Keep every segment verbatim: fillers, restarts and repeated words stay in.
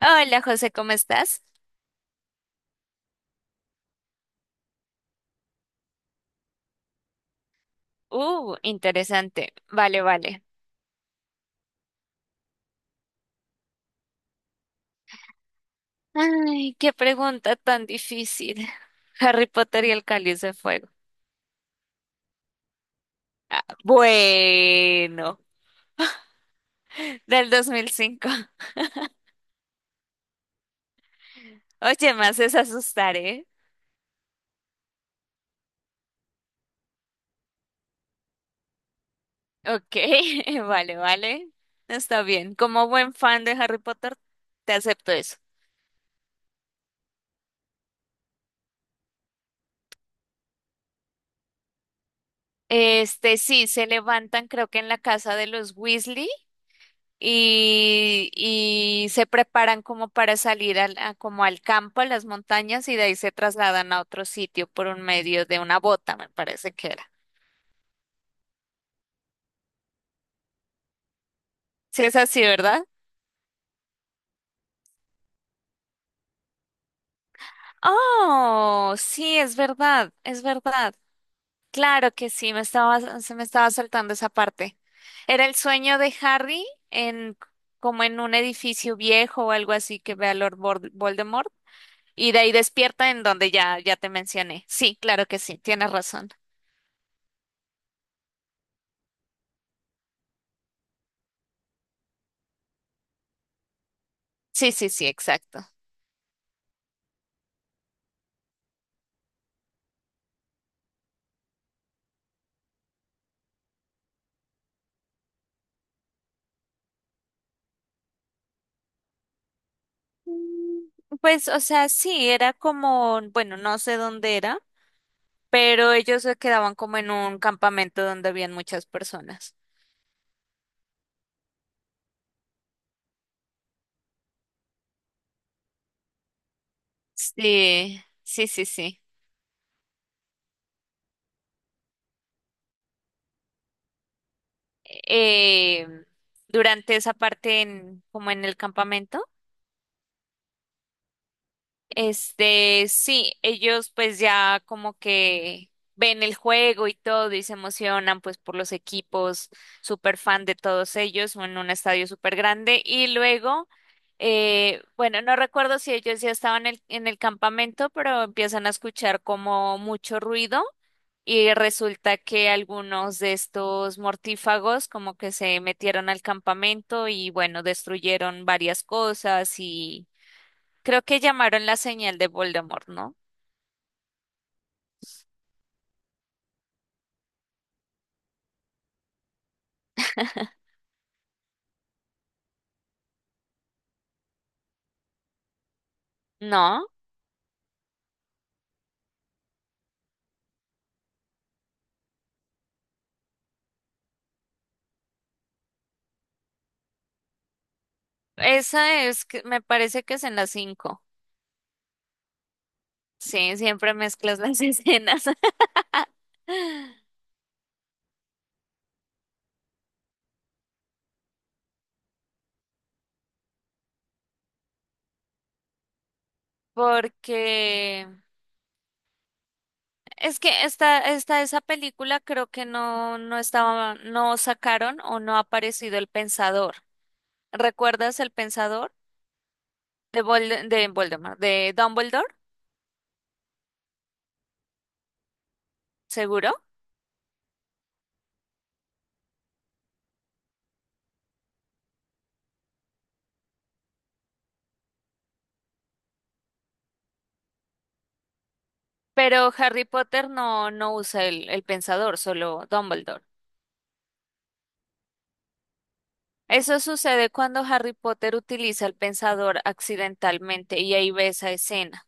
Hola José, ¿cómo estás? Uh, interesante. Vale, vale. Ay, qué pregunta tan difícil. Harry Potter y el Cáliz de Fuego. Bueno, del dos mil cinco. Oye, me haces asustar, ¿eh? Ok, vale, vale. Está bien. Como buen fan de Harry Potter, te acepto eso. Este, sí, se levantan creo que en la casa de los Weasley y, y se preparan como para salir al, a- como al campo, a las montañas, y de ahí se trasladan a otro sitio por un medio de una bota, me parece que era. Sí, es así, ¿verdad? Oh, sí, es verdad, es verdad. Claro que sí, me estaba, se me estaba saltando esa parte. Era el sueño de Harry en como en un edificio viejo o algo así que ve a Lord Vol- Voldemort. Y de ahí despierta en donde ya, ya te mencioné. Sí, claro que sí, tienes razón. Sí, sí, sí, exacto. Pues, o sea, sí, era como, bueno, no sé dónde era, pero ellos se quedaban como en un campamento donde habían muchas personas. Sí, sí, sí, sí. Eh, durante esa parte en, como en el campamento. Este, sí, ellos pues ya como que ven el juego y todo y se emocionan pues por los equipos, súper fan de todos ellos en un estadio súper grande y luego, eh, bueno, no recuerdo si ellos ya estaban en el, en el campamento, pero empiezan a escuchar como mucho ruido y resulta que algunos de estos mortífagos como que se metieron al campamento y bueno, destruyeron varias cosas y creo que llamaron la señal de Voldemort, ¿no? No, esa es, que- me parece que es en las cinco. Sí, siempre mezclas las escenas. Porque es que esta, esta, esa película creo que no, no estaba, no sacaron o no ha aparecido el Pensador. ¿Recuerdas el Pensador? De Volde- de Voldemort, de Dumbledore, seguro. Pero Harry Potter no, no usa el, el Pensador, solo Dumbledore. Eso sucede cuando Harry Potter utiliza el pensador accidentalmente y ahí ve esa escena.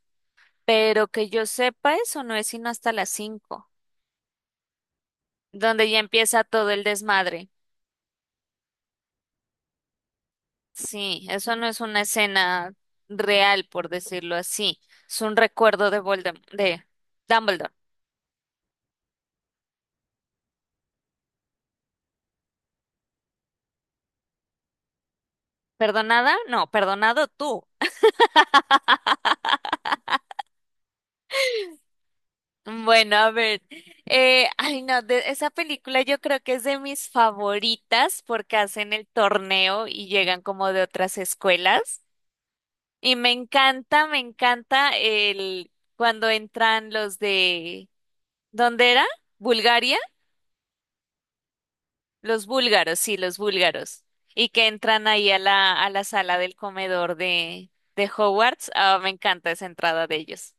Pero que yo sepa, eso no es sino hasta las cinco, donde ya empieza todo el desmadre. Sí, eso no es una escena real, por decirlo así. Es un recuerdo de Voldem- de Dumbledore. ¿Perdonada? No, perdonado tú. Bueno, a ver, eh, ay no, de, esa película yo creo que es de mis favoritas porque hacen el torneo y llegan como de otras escuelas. Y me encanta, me encanta el cuando entran los de, ¿dónde era? ¿Bulgaria? Los búlgaros, sí, los búlgaros. Y que entran ahí a la, a la sala del comedor de, de Hogwarts. Ah, me encanta esa entrada de ellos.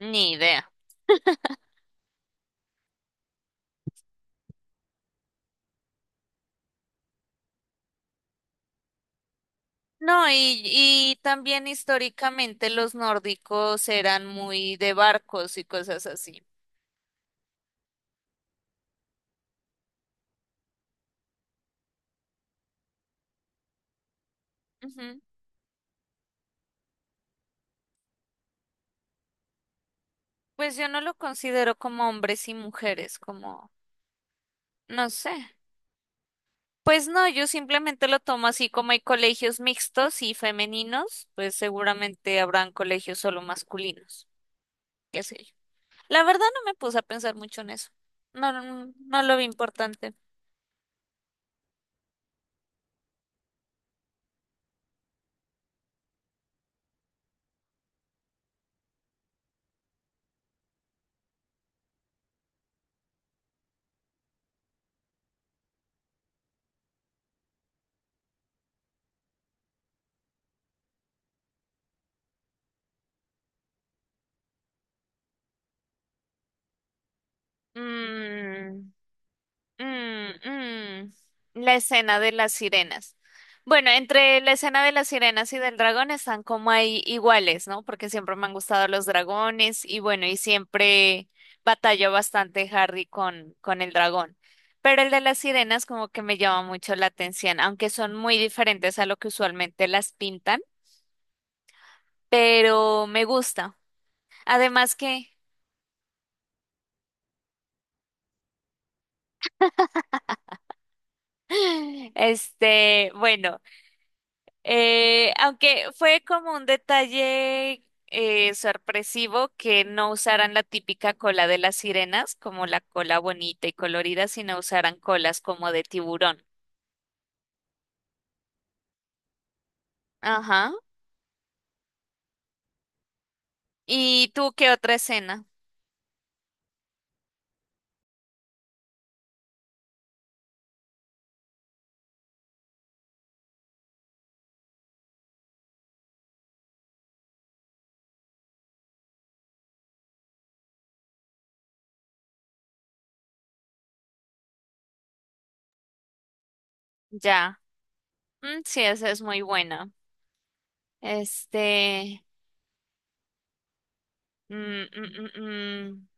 Ni idea. No, y, y también históricamente los nórdicos eran muy de barcos y cosas así. Ujú. Pues yo no lo considero como hombres y mujeres, como, no sé. Pues no, yo simplemente lo tomo así como hay colegios mixtos y femeninos, pues seguramente habrán colegios solo masculinos, qué sé yo. La verdad no me puse a pensar mucho en eso. No, no, no lo vi importante. Mm. Mm, mm, La escena de las sirenas. Bueno, entre la escena de las sirenas y del dragón están como ahí iguales, ¿no? Porque siempre me han gustado los dragones y bueno, y siempre batalló bastante Harry con, con el dragón. Pero el de las sirenas como que me llama mucho la atención, aunque son muy diferentes a lo que usualmente las pintan, pero me gusta. Además que, este, bueno. Eh, aunque fue como un detalle eh, sorpresivo que no usaran la típica cola de las sirenas, como la cola bonita y colorida, sino usaran colas como de tiburón. Ajá. ¿Y tú qué otra escena? Ya. Mm, sí, esa es muy buena. Este. mm, mm, mm, mm.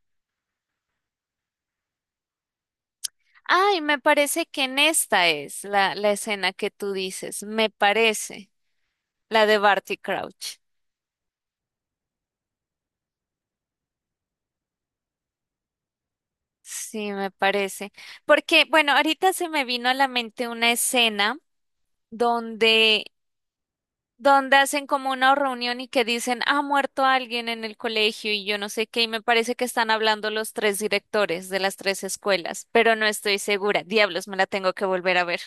Ay, me parece que en esta es la, la escena que tú dices. Me parece. La de Barty Crouch. Sí, me parece. Porque, bueno, ahorita se me vino a la mente una escena donde, donde hacen como una reunión y que dicen, ha muerto alguien en el colegio y yo no sé qué, y me parece que están hablando los tres directores de las tres escuelas, pero no estoy segura. Diablos, me la tengo que volver a ver.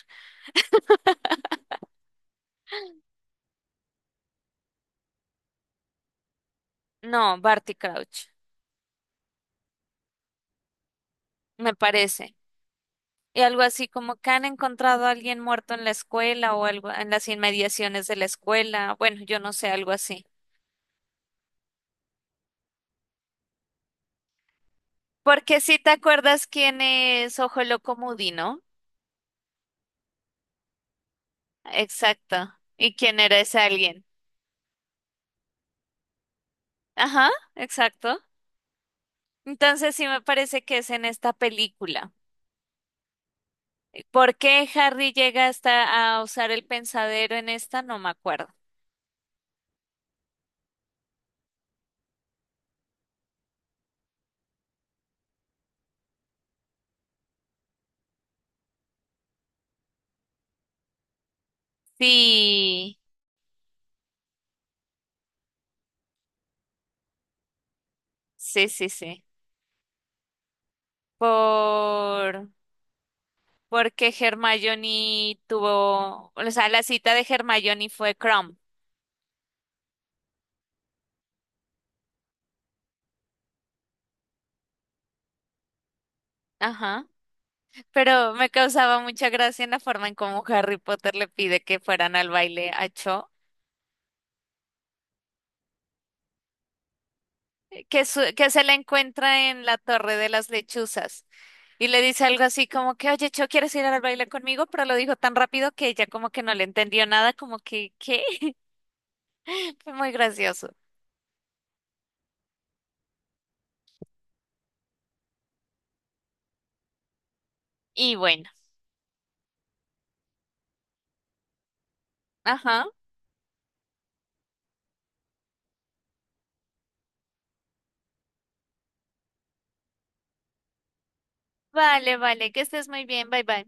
No, Barty Crouch, me parece. Y algo así como que han encontrado a alguien muerto en la escuela o algo en las inmediaciones de la escuela. Bueno, yo no sé, algo así. Porque si te acuerdas quién es Ojo Loco Moody, ¿no? Exacto. ¿Y quién era ese alguien? Ajá, exacto. Entonces sí me parece que es en esta película. ¿Por qué Harry llega hasta a usar el pensadero en esta? No me acuerdo. Sí, sí, sí, sí. Por porque Hermione tuvo, o sea, la cita de Hermione fue Crumb. Ajá. Pero me causaba mucha gracia en la forma en cómo Harry Potter le pide que fueran al baile a Cho, que, su- que se la encuentra en la Torre de las Lechuzas y le dice algo así como que, oye, Cho, ¿quieres ir al baile conmigo? Pero lo dijo tan rápido que ella como que no le entendió nada, como que, ¿qué? Fue muy gracioso. Y bueno, ajá. Vale, vale, que estés muy bien, bye bye.